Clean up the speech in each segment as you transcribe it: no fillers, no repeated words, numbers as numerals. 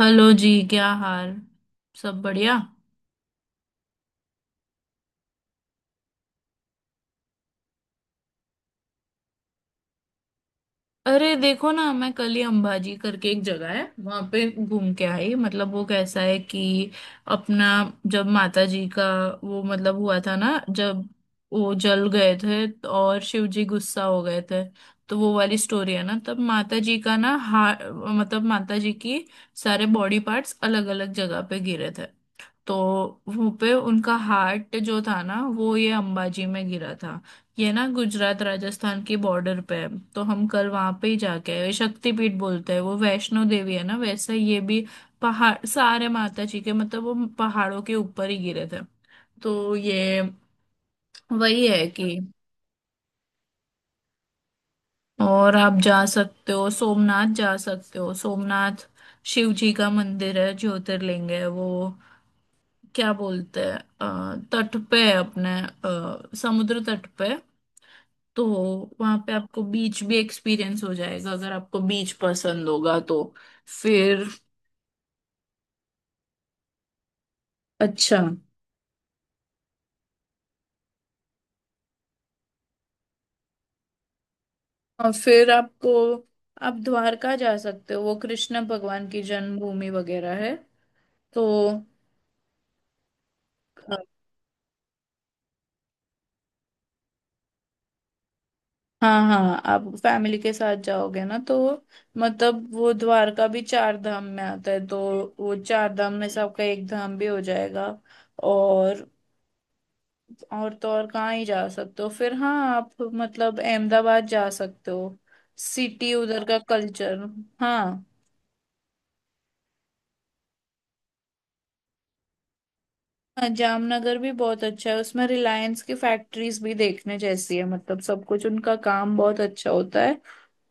Hello ji, क्या हाल। सब बढ़िया। अरे देखो ना, मैं कल ही अंबाजी करके एक जगह है वहां पे घूम के आई। मतलब वो कैसा है कि अपना, जब माता जी का वो मतलब हुआ था ना, जब वो जल गए थे तो और शिव जी गुस्सा हो गए थे, तो वो वाली स्टोरी है ना। तब माता जी का ना, हा। मतलब माता जी की सारे बॉडी पार्ट्स अलग अलग जगह पे गिरे थे, तो वो पे उनका हार्ट जो था ना, वो ये अंबाजी में गिरा था। ये ना गुजरात राजस्थान की बॉर्डर पे है। तो हम कल वहां पे ही जाके आए, शक्तिपीठ बोलते हैं वो। वैष्णो देवी है ना, वैसे ये भी पहाड़ सारे माता जी के, मतलब वो पहाड़ों के ऊपर ही गिरे थे। तो ये वही है कि, और आप जा सकते हो सोमनाथ, जा सकते हो सोमनाथ। शिव जी का मंदिर है, ज्योतिर्लिंग है वो। क्या बोलते हैं, तट पे है अपने, समुद्र तट पे। तो वहां पे आपको बीच भी एक्सपीरियंस हो जाएगा अगर आपको बीच पसंद होगा तो। फिर, अच्छा, और फिर आपको, आप द्वारका जा सकते हो, वो कृष्ण भगवान की जन्मभूमि वगैरह है। तो अ, हाँ हाँ, आप फैमिली के साथ जाओगे ना, तो मतलब वो द्वारका भी चार धाम में आता है, तो वो चार धाम में से आपका एक धाम भी हो जाएगा। और और तो और कहाँ ही जा सकते हो फिर। हाँ आप मतलब अहमदाबाद जा सकते हो, सिटी, उधर का कल्चर। हाँ, हाँ, जामनगर भी बहुत अच्छा है, उसमें रिलायंस की फैक्ट्रीज भी देखने जैसी है, मतलब सब कुछ उनका काम बहुत अच्छा होता है।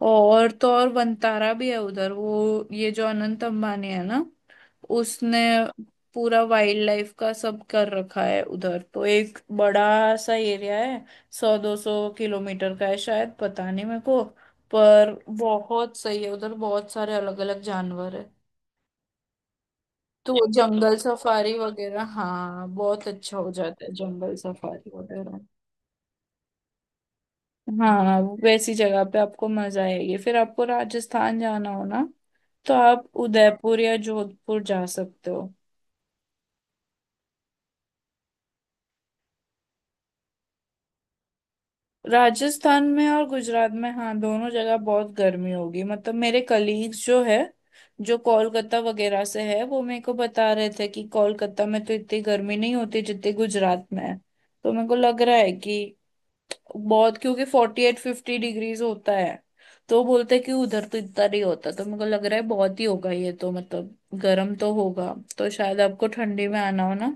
और तो और वंतारा भी है उधर, वो ये जो अनंत अंबानी है ना, उसने पूरा वाइल्ड लाइफ का सब कर रखा है उधर। तो एक बड़ा सा एरिया है, 100-200 किलोमीटर का है शायद, पता नहीं मेरे को। पर बहुत सही है उधर, बहुत सारे अलग अलग जानवर है। तो वो जंगल सफारी वगैरह, हाँ, बहुत अच्छा हो जाता है जंगल सफारी वगैरह। हाँ, वैसी जगह पे आपको मजा आएगी। फिर आपको राजस्थान जाना हो ना, तो आप उदयपुर या जोधपुर जा सकते हो। राजस्थान में और गुजरात में, हाँ, दोनों जगह बहुत गर्मी होगी। मतलब मेरे कलीग्स जो है, जो कोलकाता वगैरह से है, वो मेरे को बता रहे थे कि कोलकाता में तो इतनी गर्मी नहीं होती जितनी गुजरात में है। तो मेरे को लग रहा है कि बहुत, क्योंकि 48-50 डिग्रीज होता है। तो बोलते हैं कि उधर तो इतना नहीं होता। तो मेरे को लग रहा है बहुत ही होगा ये तो। मतलब गर्म तो होगा, तो शायद आपको ठंडी में आना हो ना,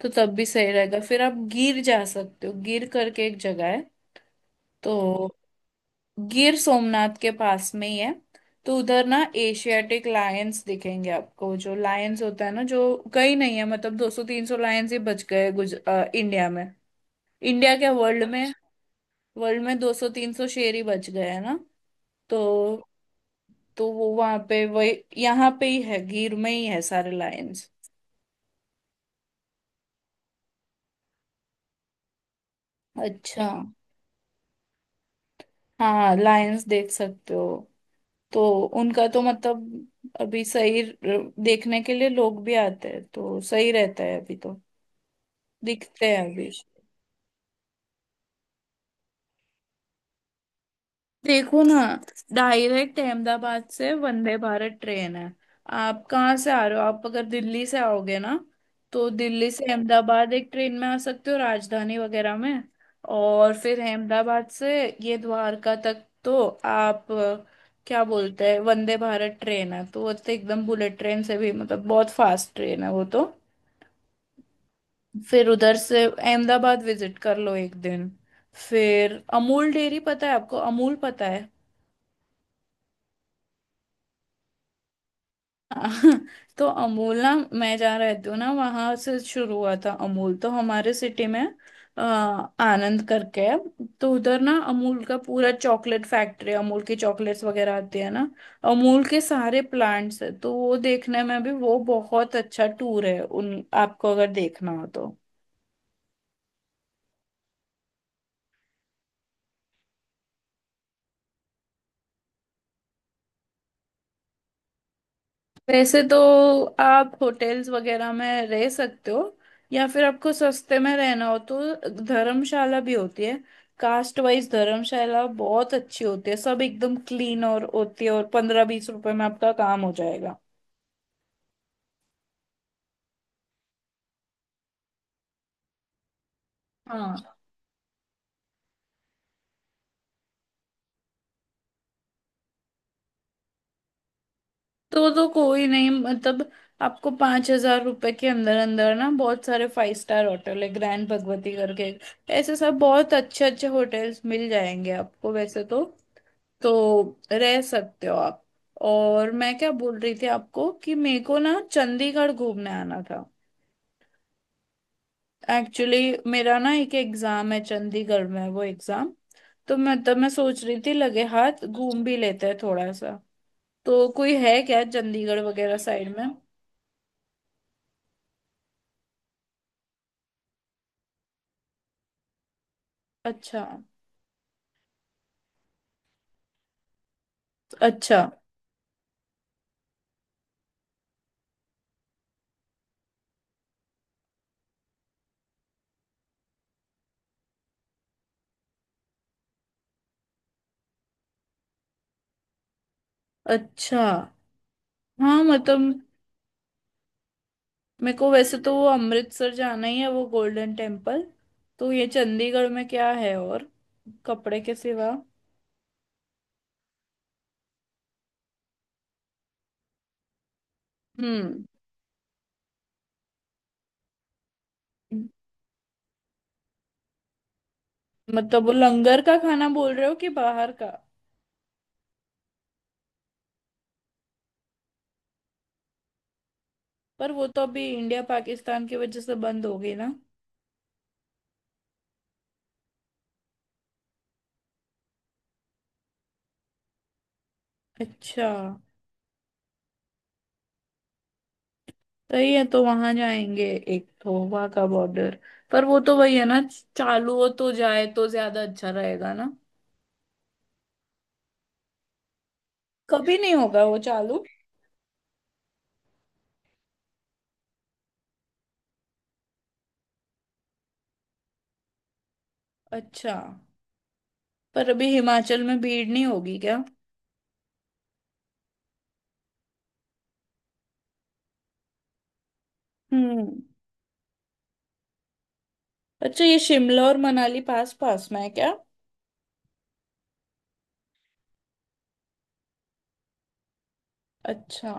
तो तब भी सही रहेगा। फिर आप गिर जा सकते हो, गिर करके एक जगह है। तो गिर सोमनाथ के पास में ही है। तो उधर ना एशियाटिक लायंस दिखेंगे आपको, जो लायंस होता है ना, जो कहीं नहीं है। मतलब 200-300 लायंस ही बच गए इंडिया में। इंडिया क्या, वर्ल्ड में। अच्छा, वर्ल्ड में 200-300 शेर ही बच गए हैं ना। तो तो वो वहां पे वही, यहाँ पे ही है, गिर में ही है सारे लायंस। अच्छा, हाँ, लायंस देख सकते हो। तो उनका तो मतलब, अभी देखने के लिए लोग भी आते हैं, तो सही रहता है अभी तो। दिखते हैं अभी। देखो ना, डायरेक्ट अहमदाबाद से वंदे भारत ट्रेन है। आप कहाँ से आ रहे हो, आप अगर दिल्ली से आओगे ना, तो दिल्ली से अहमदाबाद एक ट्रेन में आ सकते हो, राजधानी वगैरह में। और फिर अहमदाबाद से ये द्वारका तक तो आप, क्या बोलते हैं, वंदे भारत ट्रेन है। तो वो तो एकदम बुलेट ट्रेन से भी, मतलब बहुत फास्ट ट्रेन है वो तो। फिर उधर से अहमदाबाद विजिट कर लो एक दिन। फिर अमूल डेयरी पता है आपको, अमूल पता है। हाँ, तो अमूल ना, मैं जा रहती हूँ ना, वहां से शुरू हुआ था अमूल, तो हमारे सिटी में, आनंद करके है। तो उधर ना अमूल का पूरा चॉकलेट फैक्ट्री, अमूल की चॉकलेट्स वगैरह आती है ना, अमूल के सारे प्लांट्स है। तो वो देखने में भी वो बहुत अच्छा टूर है, उन आपको अगर देखना हो तो। वैसे तो आप होटल्स वगैरह में रह सकते हो, या फिर आपको सस्ते में रहना हो तो धर्मशाला भी होती है। कास्ट वाइज धर्मशाला बहुत अच्छी होती है, सब एकदम क्लीन और होती है, और 15-20 रुपए में आपका काम हो जाएगा। हाँ तो कोई नहीं, मतलब आपको 5,000 रुपए के अंदर अंदर ना बहुत सारे फाइव स्टार होटल है, ग्रैंड भगवती करके ऐसे सब बहुत अच्छे अच्छे होटल्स मिल जाएंगे आपको वैसे तो। तो रह सकते हो आप। और मैं क्या बोल रही थी आपको, कि मेरे को ना चंडीगढ़ घूमने आना था एक्चुअली। मेरा ना एक एग्जाम है चंडीगढ़ में, वो एग्जाम, तो मैं तब मैं सोच रही थी लगे हाथ घूम भी लेते हैं थोड़ा सा। तो कोई है क्या चंडीगढ़ वगैरह साइड में। अच्छा, अच्छा, अच्छा। हाँ, मतलब मेरे को वैसे तो वो अमृतसर जाना ही है, वो गोल्डन टेम्पल। तो ये चंडीगढ़ में क्या है और, कपड़े के सिवा। हम्म, मतलब वो लंगर का खाना बोल रहे हो कि बाहर का। पर वो तो अभी इंडिया पाकिस्तान की वजह से बंद हो गई ना। अच्छा, सही है, तो वहां जाएंगे। एक तो वहां का बॉर्डर, पर वो तो वही है ना, चालू हो तो जाए तो ज्यादा अच्छा रहेगा ना। कभी नहीं होगा वो चालू। अच्छा, पर अभी हिमाचल में भीड़ नहीं होगी क्या। हम्म, अच्छा, ये शिमला और मनाली पास पास में है क्या। अच्छा,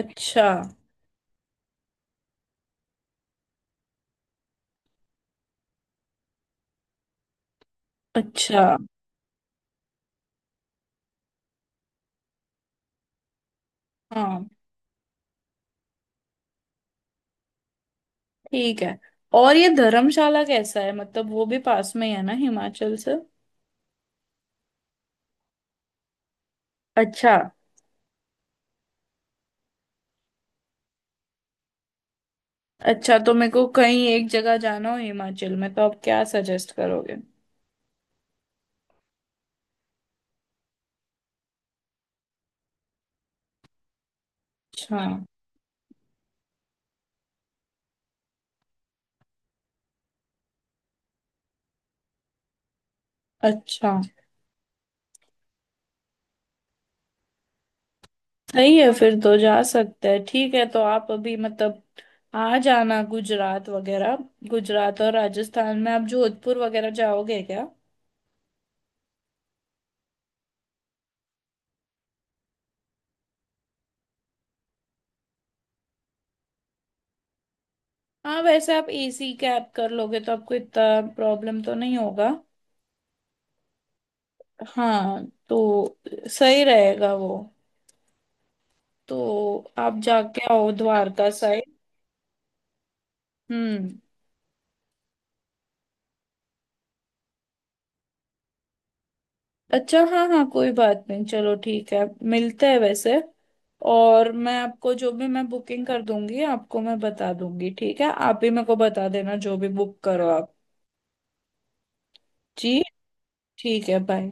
अच्छा, अच्छा। हाँ, ठीक है। और ये धर्मशाला कैसा है, मतलब वो भी पास में ही है ना हिमाचल से। अच्छा। अच्छा, तो मेरे को कहीं एक जगह जाना हो हिमाचल में तो आप क्या सजेस्ट करोगे। अच्छा, अच्छा, सही है फिर तो, जा सकते हैं। ठीक है, तो आप अभी मतलब आ जाना गुजरात वगैरह। गुजरात और राजस्थान में आप जोधपुर वगैरह जाओगे क्या। हाँ, वैसे आप एसी कैब कर लोगे तो आपको इतना प्रॉब्लम तो नहीं होगा। हाँ, तो सही रहेगा वो। तो आप जाके आओ द्वारका साइड। हम्म, अच्छा, हाँ हाँ, कोई बात नहीं, चलो ठीक है। मिलते हैं वैसे। और मैं आपको जो भी मैं बुकिंग कर दूंगी आपको मैं बता दूंगी, ठीक है, आप भी मेरे को बता देना जो भी बुक करो आप। जी, ठीक है, बाय।